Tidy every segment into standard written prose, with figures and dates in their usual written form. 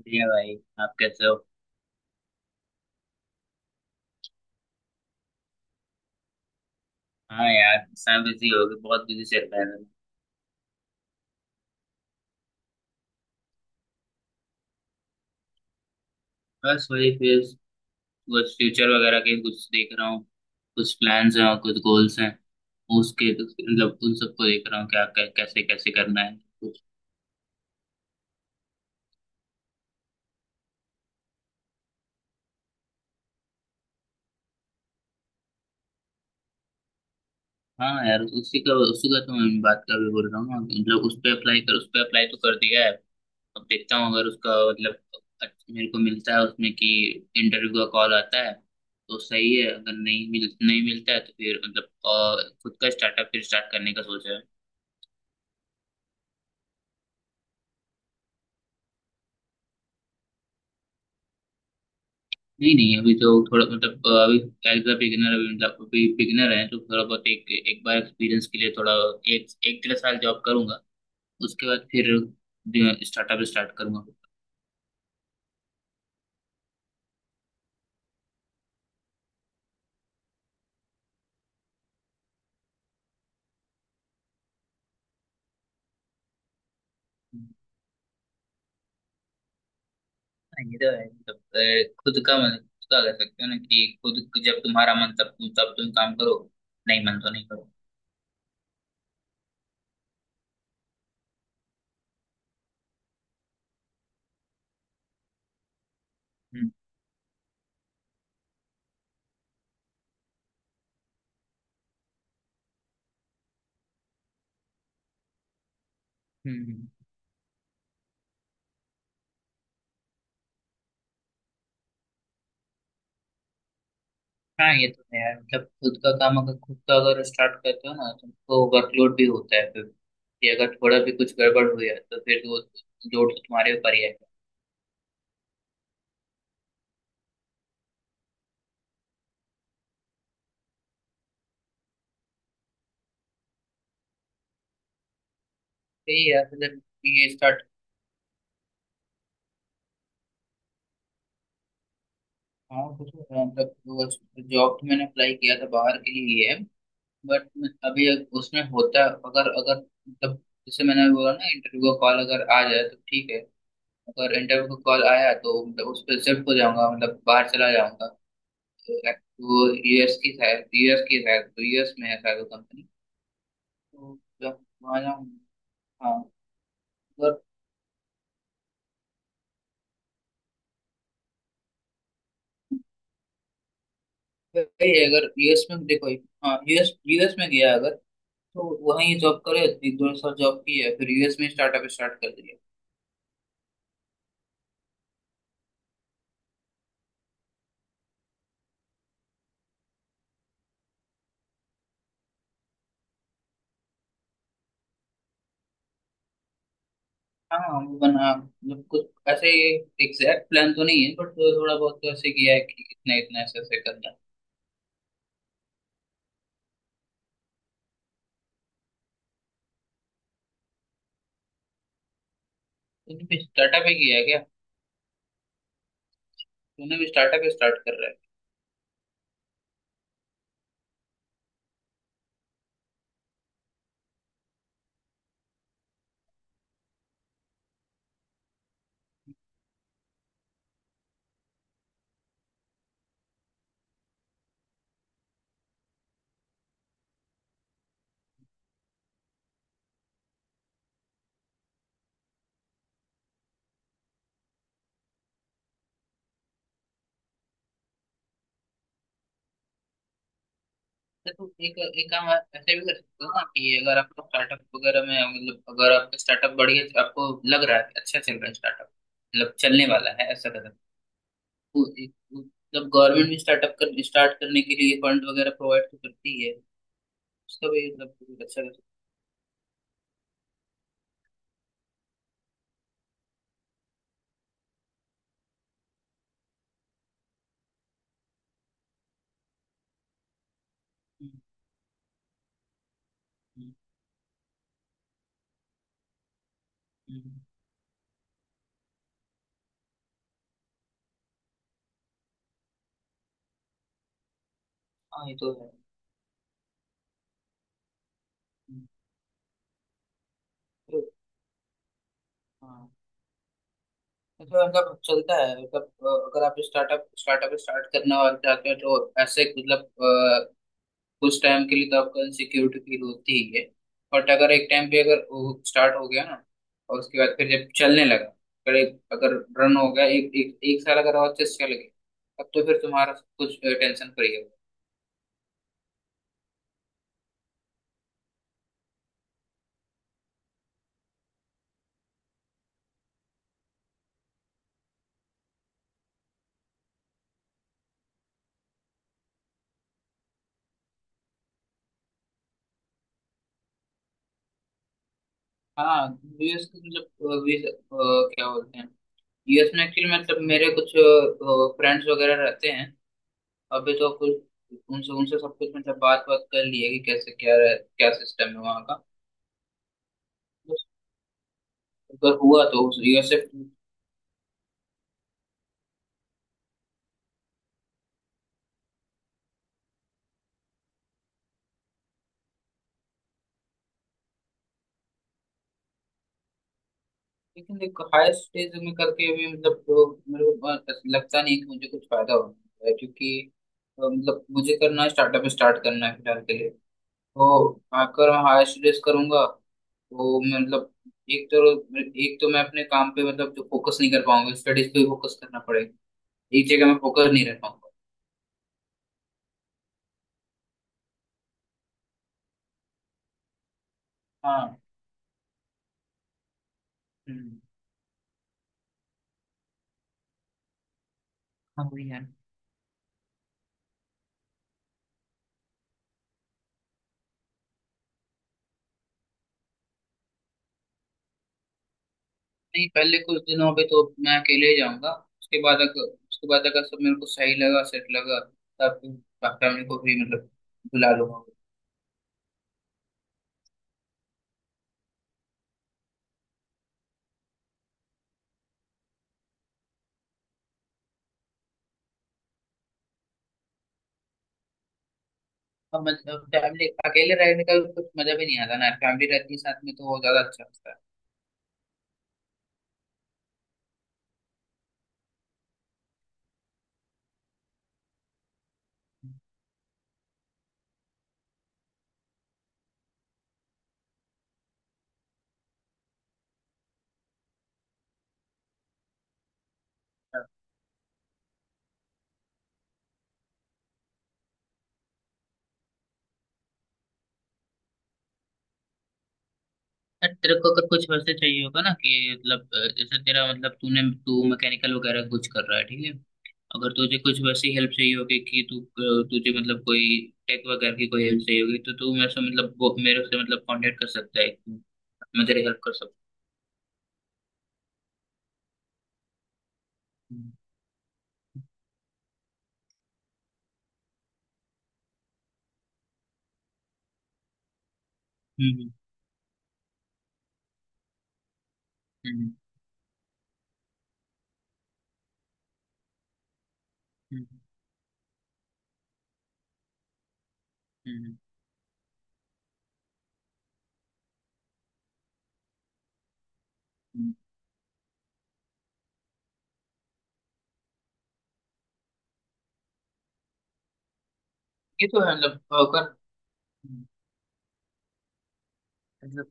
बढ़िया भाई। आप कैसे हो? हाँ यार, सब बिजी हो गए, बहुत बिजी चल रहा है मेरा। बस वही फिर कुछ फ्यूचर वगैरह के कुछ देख रहा हूँ। कुछ प्लान्स हैं और कुछ गोल्स हैं। उसके मतलब उन सबको देख रहा हूँ क्या क्या- कैसे कैसे करना है कुछ। हाँ यार, उसी का तो मैं बात कर भी बोल रहा हूँ ना, मतलब उस पर अप्लाई तो कर दिया है। अब देखता हूँ अगर उसका मतलब मेरे को मिलता है उसमें कि इंटरव्यू का कॉल आता है तो सही है। अगर नहीं मिलता है तो फिर मतलब खुद का स्टार्टअप फिर स्टार्ट करने का सोचा है। नहीं नहीं, अभी तो थोड़ा मतलब अभी एज अ बिगिनर, अभी मतलब अभी बिगिनर है तो थोड़ा बहुत एक एक बार एक्सपीरियंस के लिए थोड़ा एक एक डेढ़ साल जॉब करूंगा। उसके बाद फिर स्टार्टअप स्टार्ट करूंगा। ये तो है मतलब खुद का मन, खुद का कर सकते हो ना, कि खुद जब तुम्हारा मन, तब तुम काम करो। नहीं मन तो नहीं करो। हम्म। हम्म। हम्म। हाँ ये तो है यार, मतलब खुद का अगर स्टार्ट करते हो ना, तुमको वर्कलोड भी होता है फिर, कि अगर थोड़ा भी कुछ गड़बड़ हुई है तो फिर वो लोड तो तुम्हारे ऊपर ही आएगा। सही है यार, मतलब ये स्टार्ट। हाँ कुछ मतलब जॉब तो मैंने अप्लाई किया था बाहर के लिए ही है। बट अभी उसमें होता है, अगर अगर मतलब जैसे मैंने अभी बोला ना, इंटरव्यू का कॉल अगर आ जाए तो ठीक है। अगर इंटरव्यू का कॉल आया तो मतलब उस पर शिफ्ट हो जाऊंगा, मतलब बाहर चला जाऊंगा। वो यूएस की शायद, यूएस में है शायद वो कंपनी। तो जब वहाँ जाऊंगा। हाँ अगर वही है, अगर यूएस में देखो। हाँ, यूएस यूएस में गया अगर, तो वहीं जॉब करे, एक दो साल जॉब की है, फिर यूएस में स्टार्टअप स्टार्ट कर दिया। हाँ हाँ, वो बना मतलब कुछ ऐसे एग्जैक्ट प्लान तो नहीं है, बट थोड़ा बहुत तो ऐसे किया है कि इतना इतना ऐसे ऐसे करना है। तो तूने भी स्टार्टअप ही किया है क्या? तूने भी स्टार्टअप ही स्टार्ट कर रहा है? अच्छा, तो तू एक एक काम आप ऐसे भी कर सकते हो ना, कि अगर आपका स्टार्टअप वगैरह में मतलब अगर आपका स्टार्टअप बढ़िया, आपको लग रहा है कि अच्छा चल रहा है स्टार्टअप, मतलब चलने वाला है ऐसा कदम, मतलब गवर्नमेंट भी स्टार्ट करने के लिए फंड वगैरह प्रोवाइड तो करती है। उसका भी मतलब अच्छा कर सकते हैं। हम्म, हम्म। हाँ ये तो है। हम्म। तो हाँ मतलब, मतलब चलता है मतलब अगर आप स्टार्टअप स्टार्टअप स्टार्ट करने वाले जाते हैं तो ऐसे मतलब अ, कुछ टाइम के लिए तो आपको इनसिक्योरिटी फील होती ही है। बट अगर एक टाइम पे अगर वो स्टार्ट हो गया ना, और उसके बाद फिर जब चलने लगा, अगर रन हो गया, एक एक एक साल अगर और चेस चल गए, तब तो फिर तुम्हारा सब कुछ टेंशन फ्री है। हाँ यूएस के मतलब अ, वीस- अ, क्या बोलते हैं, यूएस में एक्चुअली मतलब मेरे कुछ फ्रेंड्स वगैरह रहते हैं। अभी तो कुछ उनसे उनसे सब कुछ मतलब बात बात कर ली है कि कैसे क्या सिस्टम है वहाँ का। बस अगर हुआ तो उस यूएसएफ। लेकिन देखो हायर स्टेज में करके भी मतलब तो मेरे को बहुत ऐसा लगता नहीं कि मुझे कुछ फायदा होगा, क्योंकि मतलब मुझे करना है, स्टार्टअप स्टार्ट करना है फिलहाल के लिए। तो आकर मैं हायर स्टडीज करूंगा तो मैं मतलब, एक तो एक तो मैं अपने काम पे मतलब जो फोकस नहीं कर पाऊंगा, स्टडीज पे फोकस करना पड़ेगा। एक जगह में फोकस नहीं रह पाऊंगा। हाँ। हम्म। हाँ भैया। नहीं पहले कुछ दिनों पे तो मैं अकेले ही जाऊंगा। उसके बाद अगर सब मेरे को सही लगा, सेट लगा, तब फैमिली को भी मतलब बुला लूंगा। अब मतलब फैमिली अकेले रहने का भी कुछ मजा भी नहीं आता ना, फैमिली रहती है साथ में तो वो ज्यादा अच्छा लगता है। यार, तेरे को अगर कुछ वैसे चाहिए होगा ना, कि मतलब जैसे तेरा मतलब तूने तू मैकेनिकल वगैरह कुछ कर रहा है ठीक है, अगर तुझे कुछ वैसी हेल्प चाहिए होगी कि तू तुझे मतलब कोई टेक वगैरह की कोई हेल्प चाहिए होगी, तो तू मेरे से मतलब मेरे से मतलब कांटेक्ट कर सकता है। मैं तेरी हेल्प कर सकता हूँ। हम्म, हम्म, हम्म, हम्म, हम्म। ये तो है मतलब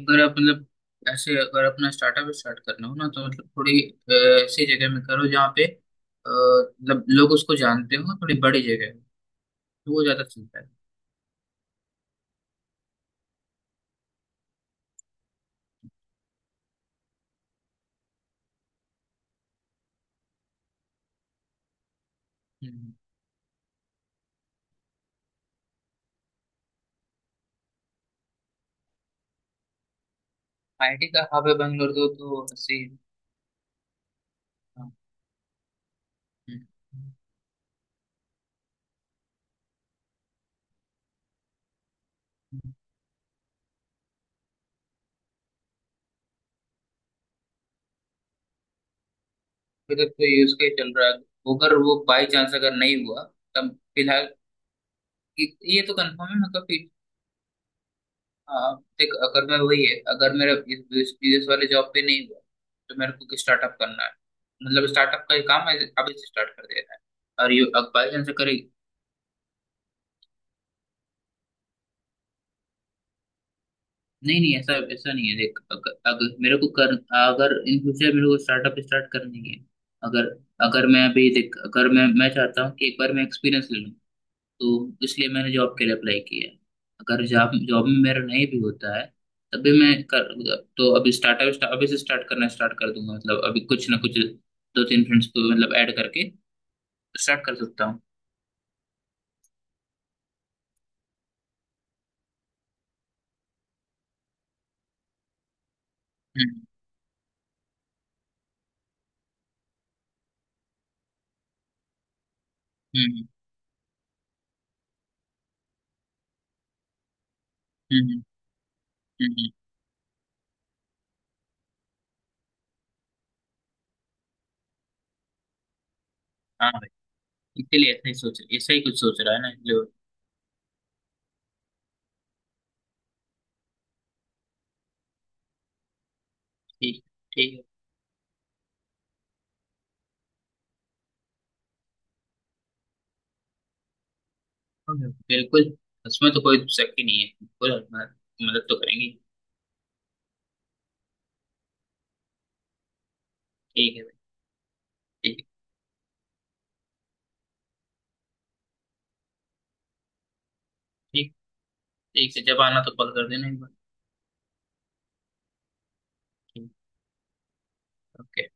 अगर आप मतलब ऐसे अगर अपना स्टार्टअप स्टार्ट करना हो ना, तो मतलब थोड़ी अ, ऐसी जगह में करो जहाँ पे मतलब लोग उसको जानते हो, थोड़ी बड़ी जगह हो, तो वो ज़्यादा चलता है। आईटी का हब है बेंगलोर तो ऐसे ही। अगर तो ये यूज केस चल रहा है। अगर वो बाई चांस अगर नहीं हुआ तब फिलहाल, कि- ये तो कंफर्म है मतलब कि आ, देख अगर मैं वही है अगर मेरा इस वाले जॉब पे नहीं हुआ तो मेरे को स्टार्टअप करना है। मतलब स्टार्टअप का ही काम है, अभी से स्टार्ट कर देना है। और ये अब बाई चांस अगर, नहीं नहीं, ऐसा ऐसा नहीं है देख, अगर मेरे को कर, अगर इन फ्यूचर मेरे को स्टार्टअप स्टार्ट करनी है। अगर अगर मैं अभी देख अगर मैं चाहता हूँ कि एक बार मैं एक्सपीरियंस ले लूँ, तो इसलिए मैंने जॉब के लिए अप्लाई किया है। अगर जॉब जॉब में मेरा नहीं भी होता है, तब भी मैं कर, तो अभी स्टार्टअप अभी से स्टार्ट करना स्टार्ट कर दूंगा मतलब अभी कुछ ना कुछ दो तीन फ्रेंड्स को मतलब ऐड करके स्टार्ट कर सकता हूँ। हम्म हम्म हम्म हम्म, हम्म, हाँ भाई, इसीलिए ऐसा ही कुछ सोच रहा है ना जो। ठीक। ठीक है। बिल्कुल। उसमें तो कोई शक ही नहीं है बिल्कुल। हम मदद तो करेंगे। ठीक है भाई। ठीक। ठीक। ठीक से जब आना तो कॉल कर देना एक बार। ठीक। ओके।